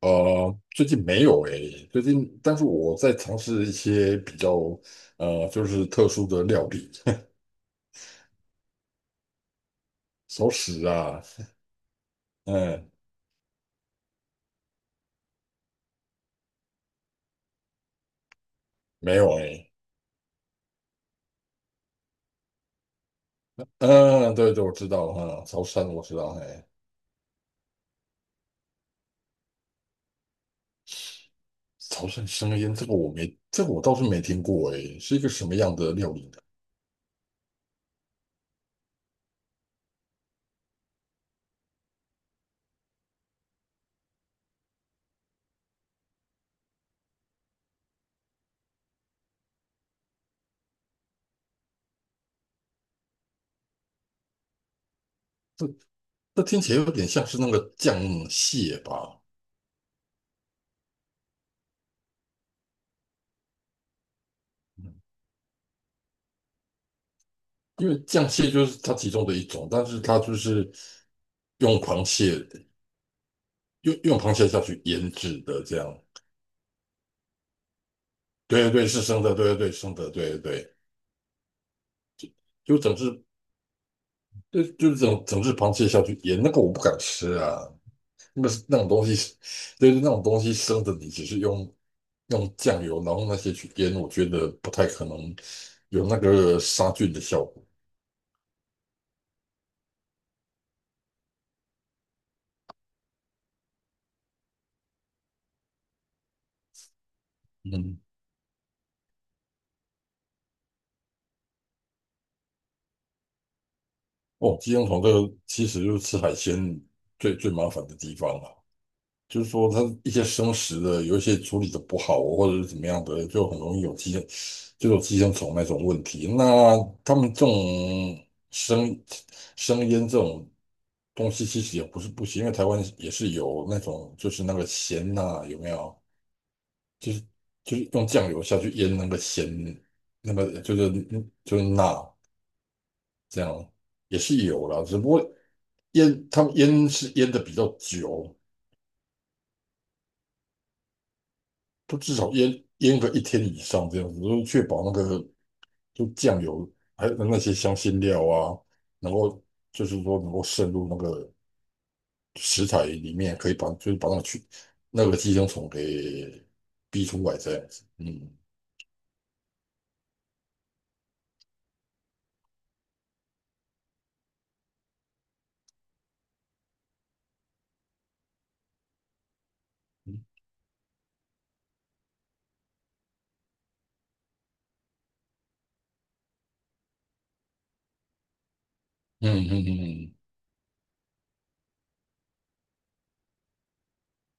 最近没有诶，但是我在尝试一些比较就是特殊的料理。熟食啊。嗯，没有诶。嗯，对对，我知道，嗯，潮汕我知道。哎，潮汕生腌这个我没，这个我倒是没听过诶，是一个什么样的料理呢？这这听起来有点像是那个酱蟹吧。嗯因为酱蟹就是它其中的一种，但是它就是用螃蟹。用螃蟹下去腌制的，这样。对对对，是生的，对对对，生的，对对对。就整只，就是整整只螃蟹下去腌，那个我不敢吃啊。那个那种东西，对对，那种东西生的，你只是用酱油，然后那些去腌，我觉得不太可能有那个杀菌的效果。嗯。哦，寄生虫这个其实就是吃海鲜最最麻烦的地方了。就是说它一些生食的有一些处理的不好，或者是怎么样的，就很容易有寄生虫那种问题。那他们这种生生腌这种东西其实也不是不行，因为台湾也是有那种就是那个咸呐，有没有？就是就是用酱油下去腌那个咸，那个就是钠这样也是有啦，只不过他们腌是腌的比较久。都至少腌腌个一天以上这样子，就确保那个就酱油还有那些香辛料啊，能够就是说能够渗入那个食材里面，可以把就是把那个去那个寄生虫给逼出来这样子。嗯嗯嗯嗯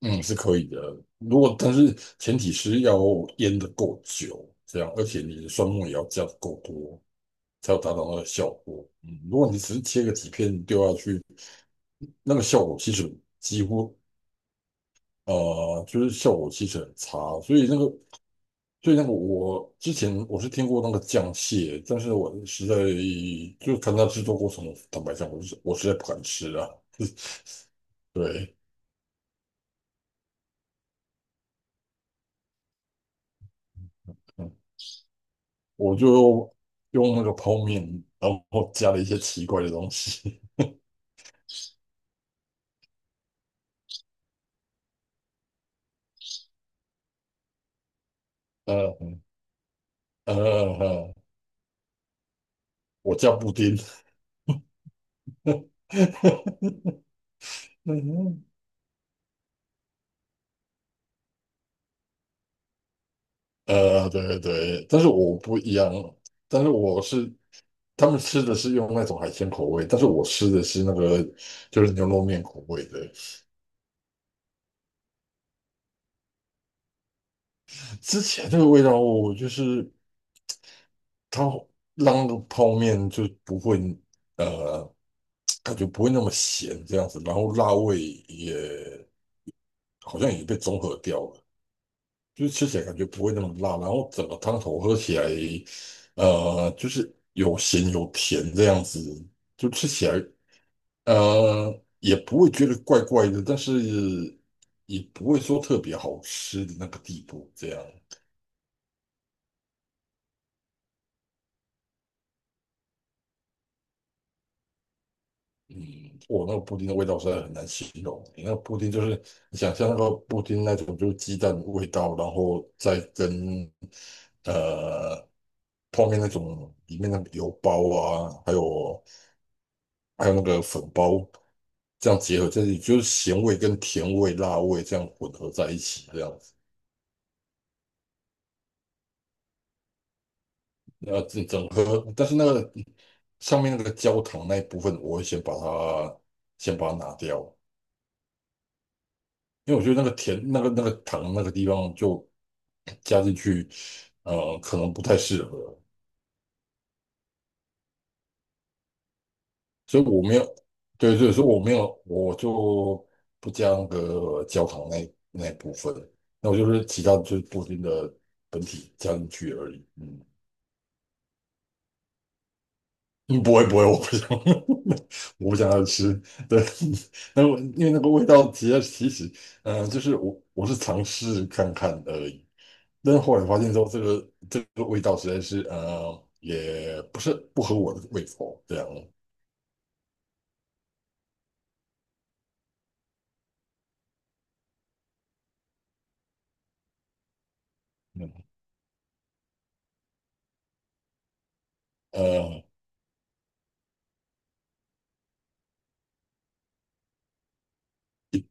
嗯嗯，是可以的。但是前提是要腌的够久，这样，而且你的蒜末也要加的够多，才有达到那个效果。嗯，如果你只是切个几片丢下去。那个效果其实几乎就是效果其实很差，所以那个我之前我是听过那个酱蟹，但是我实在就看它制作过程，坦白讲，我实在不敢吃啊。对。嗯，我就用那个泡面，然后加了一些奇怪的东西。呃呃呃，我加布丁。嗯对对对，但是我不一样，但是他们吃的是用那种海鲜口味，但是我吃的是那个就是牛肉面口味的。之前那个味道，我就是它让泡面就不会呃感觉不会那么咸这样子，然后辣味也好像也被综合掉了，就是吃起来感觉不会那么辣，然后整个汤头喝起来就是有咸有甜这样子，就吃起来。也不会觉得怪怪的，但是也不会说特别好吃的那个地步，这样。嗯，我那个布丁的味道实在很难形容。你那个布丁就是你想象那个布丁那种，就是鸡蛋的味道，然后再跟呃泡面那种里面那个油包啊，还有那个粉包这样结合在一起，就是咸味跟甜味、辣味这样混合在一起，这样。整整合，但是那个上面那个焦糖那一部分，我会先把它拿掉，因为我觉得那个甜那个糖那个地方就加进去，可能不太适合。所以我没有，对对，所以我没有，我就不加那个焦糖那一部分，那我就是其他就是布丁的本体加进去而已。嗯。嗯，不会不会，我不想，我不想要吃。对。那我因为那个味道其实，就是我是尝试看看而已，但是后来发现说这个味道实在是也不是不合我的胃口这样。嗯呃一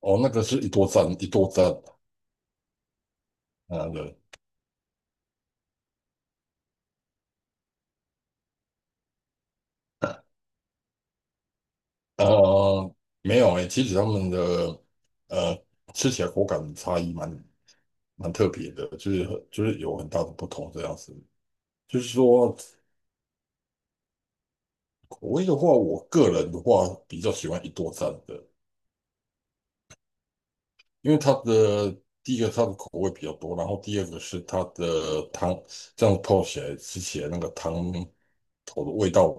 哦那个是一多赞一多赞。啊，对。呃没有诶，其实他们的呃吃起来口感差异蛮特别的，就是有很大的不同这样子。就是说，口味的话，我个人的话比较喜欢一多餐的。因为第一个它的口味比较多，然后第二个是它的汤，这样泡起来吃起来那个汤头的味道，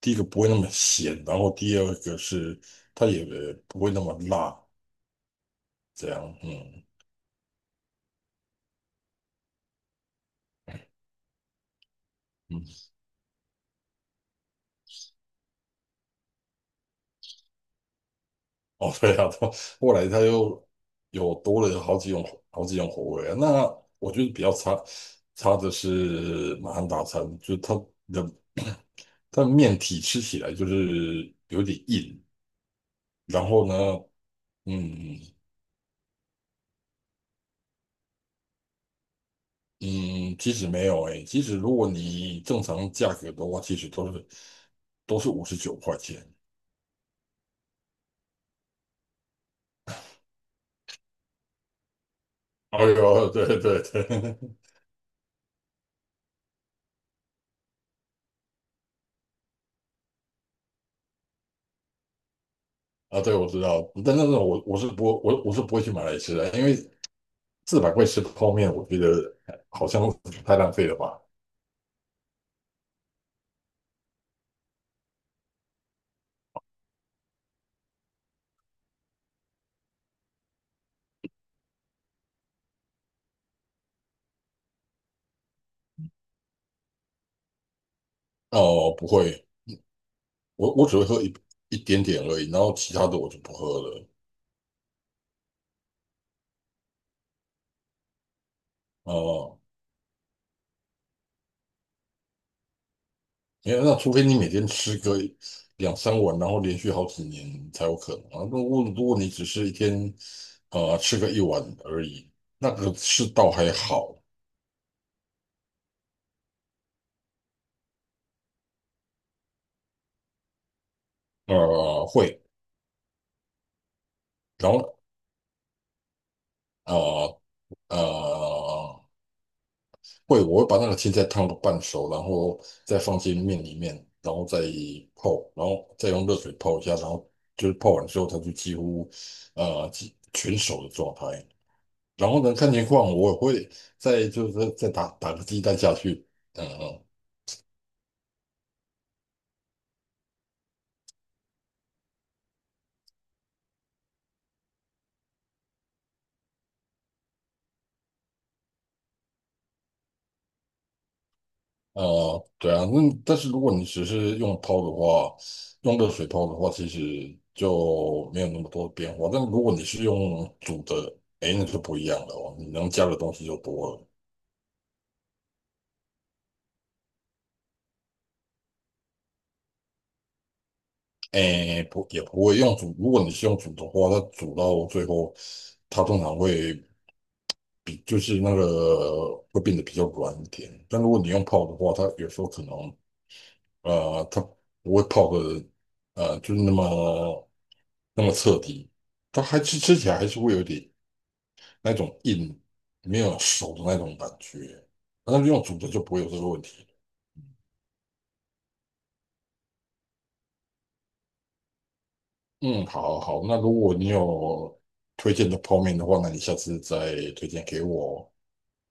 第一个不会那么咸，然后第二个是它也不会那么辣，这样。嗯嗯。哦，对啊，到后来它又有多了好几种口味啊。那我觉得比较差的是马汉大餐，就是它的 它的面体吃起来就是有点硬，然后呢。嗯嗯，其实没有诶，其实如果你正常价格的话，其实都是59块钱。哎呦，对对对，啊，对，我知道，但那种我是不会去买来吃的，因为400块吃泡面，我觉得好像太浪费了吧？哦，不会，我只会喝一点点而已，然后其他的我就不喝了。哦，因为那除非你每天吃个两三碗，然后连续好几年才有可能啊。如果你只是一天吃个一碗而已，那个是倒还好。会。然后呃呃会，我会把那个青菜烫到半熟，然后再放进面里面，然后再泡，然后再用热水泡一下，然后就是泡完之后，它就几乎全熟的状态。然后呢，看情况，我也会再就是再打打个鸡蛋下去。嗯嗯。对啊，那但是如果你只是用泡的话，用热水泡的话，其实就没有那么多变化。但如果你是用煮的，哎，那就不一样了哦，你能加的东西就多了。诶，不，也不会用煮。如果你是用煮的话，它煮到最后，它通常会比就是那个会变得比较软一点。但如果你用泡的话，它有时候可能它不会泡的就是那么彻底。它还吃起来还是会有点那种硬，没有熟的那种感觉。但是用煮的就不会有这个问题。嗯，好好，那如果你有推荐的泡面的话，那你下次再推荐给我哦。